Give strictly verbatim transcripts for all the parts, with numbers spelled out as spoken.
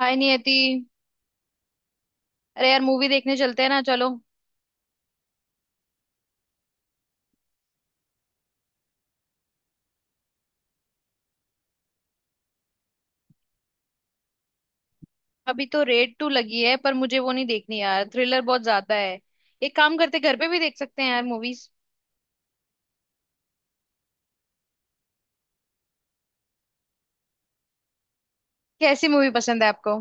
हाय नियति। अरे यार, मूवी देखने चलते हैं ना, चलो। अभी तो रेड टू लगी है, पर मुझे वो नहीं देखनी यार, थ्रिलर बहुत ज्यादा है। एक काम करते, घर पे भी देख सकते हैं यार मूवीज। कैसी मूवी पसंद है आपको?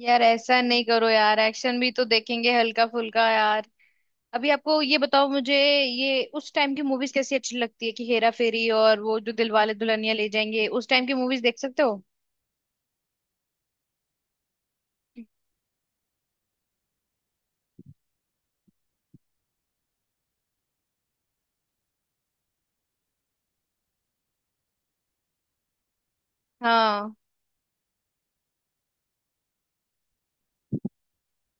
यार ऐसा नहीं करो यार, एक्शन भी तो देखेंगे हल्का फुल्का यार। अभी आपको ये बताओ मुझे, ये उस टाइम की मूवीज कैसी अच्छी लगती है कि हेरा फेरी और वो जो दिलवाले दुल्हनिया ले जाएंगे, उस टाइम की मूवीज देख सकते हो? हाँ।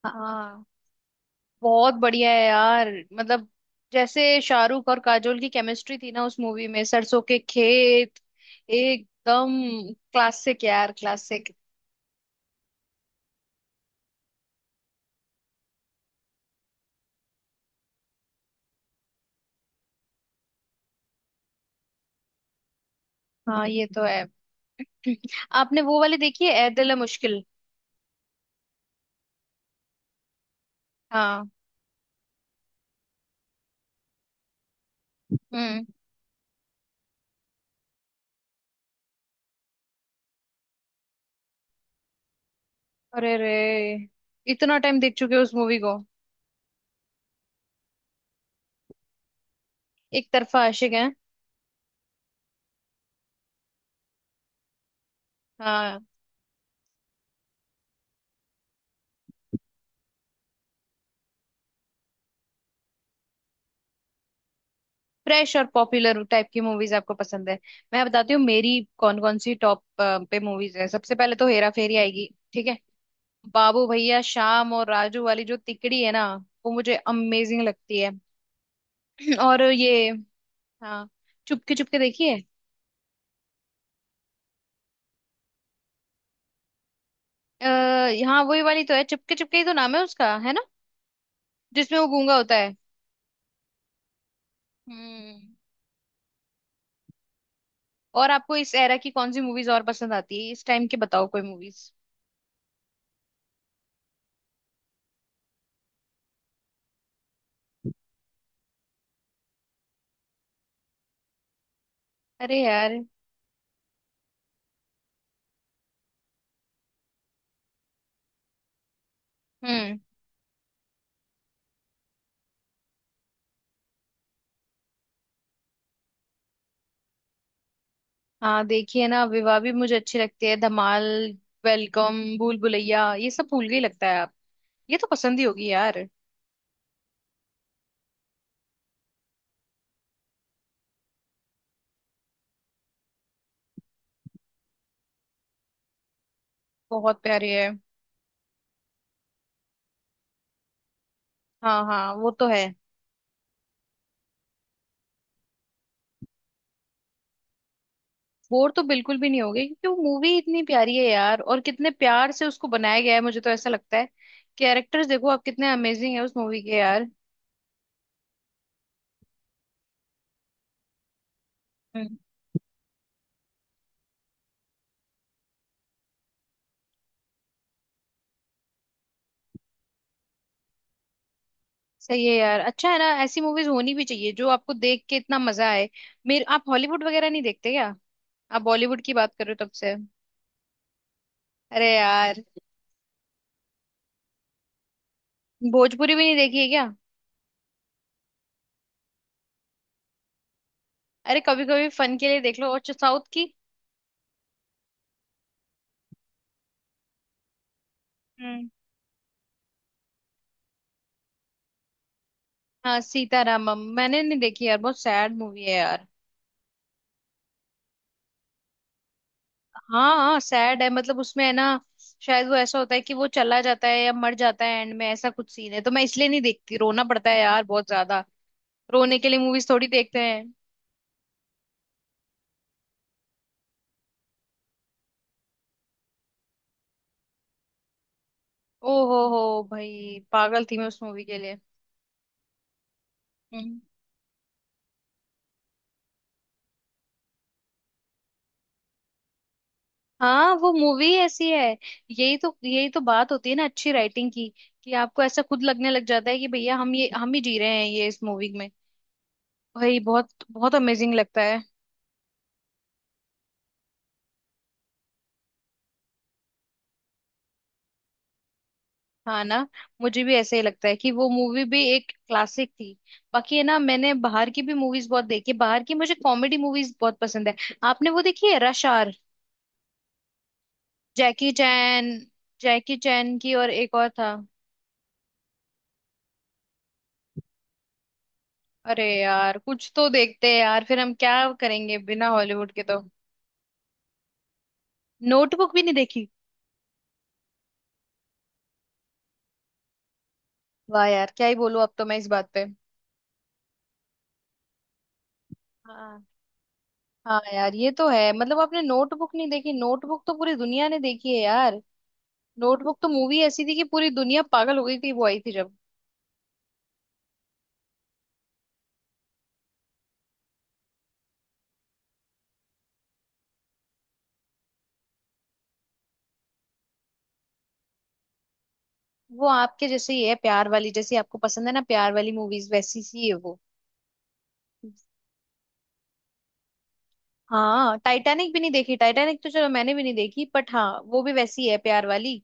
हाँ, बहुत बढ़िया है यार, मतलब जैसे शाहरुख और काजोल की केमिस्ट्री थी ना उस मूवी में, सरसों के खेत, एकदम क्लासिक यार, क्लासिक। हाँ ये तो है। आपने वो वाली देखी है, ऐ दिल है मुश्किल? हाँ। हम्म। अरे रे, इतना टाइम देख चुके हो उस मूवी को? एक तरफा आशिक है। हाँ, फ्रेश और पॉपुलर टाइप की मूवीज आपको पसंद है। मैं बताती हूँ मेरी, कौन कौन सी टॉप पे मूवीज है। सबसे पहले तो हेरा फेरी आएगी, ठीक है। बाबू भैया, शाम और राजू वाली जो तिकड़ी है ना, वो मुझे अमेजिंग लगती है। और ये, हाँ, चुपके चुपके देखिए। अः हाँ, वही वाली तो है, चुपके चुपके ही तो नाम है उसका, है ना? जिसमें वो गूंगा होता है। हम्म। और आपको इस एरा की कौन सी मूवीज और पसंद आती है? इस टाइम की बताओ कोई मूवीज। अरे यार। हम्म। हाँ देखिए ना, विवाह भी मुझे अच्छी लगती है। धमाल, वेलकम, भूल भुलैया, ये सब भूल गई लगता है आप। ये तो पसंद ही होगी यार। बहुत प्यारी है। हाँ हाँ, वो तो है। बोर तो बिल्कुल भी नहीं होगे, क्योंकि वो मूवी इतनी प्यारी है यार, और कितने प्यार से उसको बनाया गया है, मुझे तो ऐसा लगता है। कैरेक्टर्स देखो आप कितने अमेजिंग है उस मूवी के यार। हम्म। सही है यार, अच्छा है ना, ऐसी मूवीज होनी भी चाहिए जो आपको देख के इतना मजा आए। मेरे, आप हॉलीवुड वगैरह नहीं देखते क्या? आप बॉलीवुड की बात कर रहे हो तब से। अरे यार, भोजपुरी भी नहीं देखी है क्या? अरे, कभी कभी फन के लिए देख लो। और साउथ की? हम्म। हाँ सीतारामम मैंने नहीं देखी यार, बहुत सैड मूवी है यार। हाँ हाँ सैड है, मतलब उसमें है ना, शायद वो ऐसा होता है कि वो चला जाता है या मर जाता है एंड में, ऐसा कुछ सीन है, तो मैं इसलिए नहीं देखती, रोना पड़ता है यार बहुत ज्यादा। रोने के लिए मूवीज थोड़ी देखते हैं? ओ हो हो भाई पागल थी मैं उस मूवी के लिए। हम्म। हाँ वो मूवी ऐसी है। यही तो यही तो बात होती है ना अच्छी राइटिंग की, कि आपको ऐसा खुद लगने लग जाता है कि भैया हम ये हम ही जी रहे हैं ये इस मूवी में। भाई बहुत बहुत अमेजिंग लगता है। हाँ ना, मुझे भी ऐसे ही लगता है कि वो मूवी भी एक क्लासिक थी। बाकी है ना, मैंने बाहर की भी मूवीज बहुत देखी है। बाहर की मुझे कॉमेडी मूवीज बहुत पसंद है। आपने वो देखी है, rush hour? Jackie Chan. Jackie Chan की, और एक और था। अरे यार कुछ तो देखते हैं यार, फिर हम क्या करेंगे बिना हॉलीवुड के तो। नोटबुक भी नहीं देखी? वाह यार, क्या ही बोलूं अब तो मैं इस बात पे। हाँ। हाँ यार ये तो है, मतलब आपने नोटबुक नहीं देखी, नोटबुक तो पूरी दुनिया ने देखी है यार। नोटबुक तो मूवी ऐसी थी कि पूरी दुनिया पागल हो गई थी वो आई थी जब। वो आपके जैसे ही है, प्यार वाली, जैसी आपको पसंद है ना, प्यार वाली मूवीज, वैसी सी है वो। हाँ, टाइटैनिक भी नहीं देखी? टाइटैनिक तो चलो मैंने भी नहीं देखी बट, हाँ वो भी वैसी है प्यार वाली।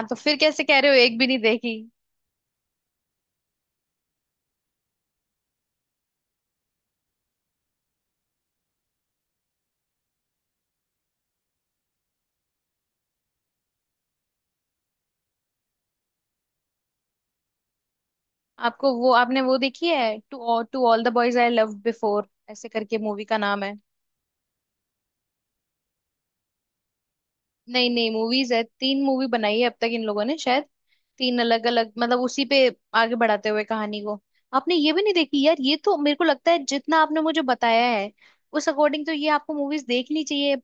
आप तो फिर कैसे कह रहे हो एक भी नहीं देखी? आपको वो आपने वो देखी है, to to all the boys I love before, ऐसे करके मूवी का नाम है। नहीं नहीं, मूवीज है, तीन मूवी बनाई है अब तक इन लोगों ने शायद, तीन अलग अलग मतलब उसी पे आगे बढ़ाते हुए कहानी को। आपने ये भी नहीं देखी यार, ये तो मेरे को लगता है जितना आपने मुझे बताया है, उस अकॉर्डिंग तो ये आपको मूवीज देखनी चाहिए।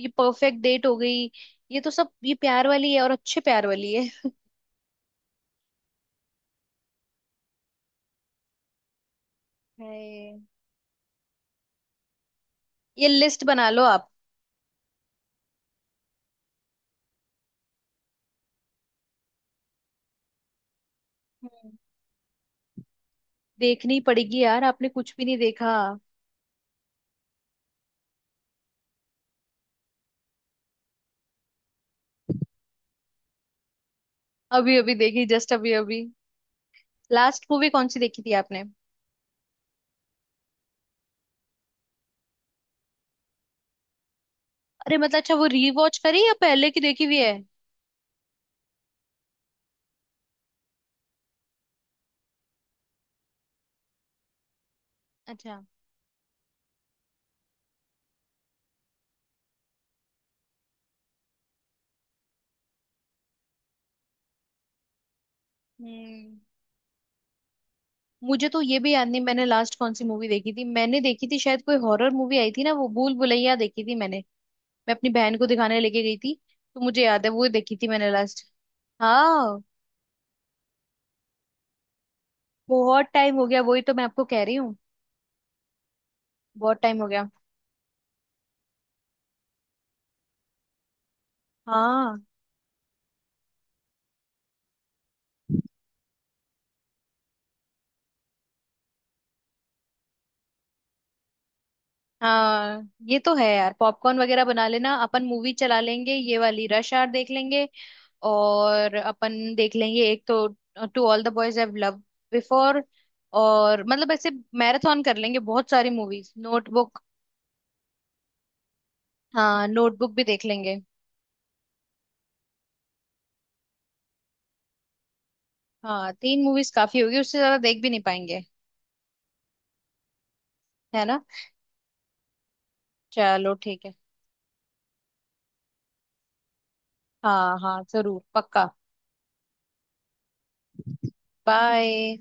ये परफेक्ट डेट हो गई। ये तो सब ये प्यार वाली है और अच्छे प्यार वाली है। है। ये लिस्ट बना लो आप। हम्म। देखनी पड़ेगी यार, आपने कुछ भी नहीं देखा। अभी अभी देखी, जस्ट अभी अभी। लास्ट मूवी कौन सी देखी थी आपने? अरे मतलब अच्छा, वो रीवॉच करी या पहले की देखी हुई है? अच्छा। हम्म। मुझे तो ये भी याद नहीं मैंने लास्ट कौन सी मूवी देखी थी, मैंने देखी थी शायद कोई हॉरर मूवी आई थी ना, वो भूल भुलैया देखी थी मैंने। मैं अपनी बहन को दिखाने लेके गई थी, तो मुझे याद है वो देखी थी मैंने लास्ट। हाँ। बहुत टाइम हो गया, वही तो मैं आपको कह रही हूँ। बहुत टाइम हो गया। हाँ। हाँ ये तो है यार, पॉपकॉर्न वगैरह बना लेना, अपन मूवी चला लेंगे, ये वाली रश आवर देख लेंगे, और अपन देख लेंगे एक तो to all the boys I love before, और मतलब ऐसे मैराथन कर लेंगे बहुत सारी मूवीज। नोटबुक। हाँ नोटबुक भी देख लेंगे। हाँ तीन मूवीज काफी होगी, उससे ज्यादा देख भी नहीं पाएंगे। है ना? चलो ठीक है। हाँ हाँ जरूर पक्का। बाय।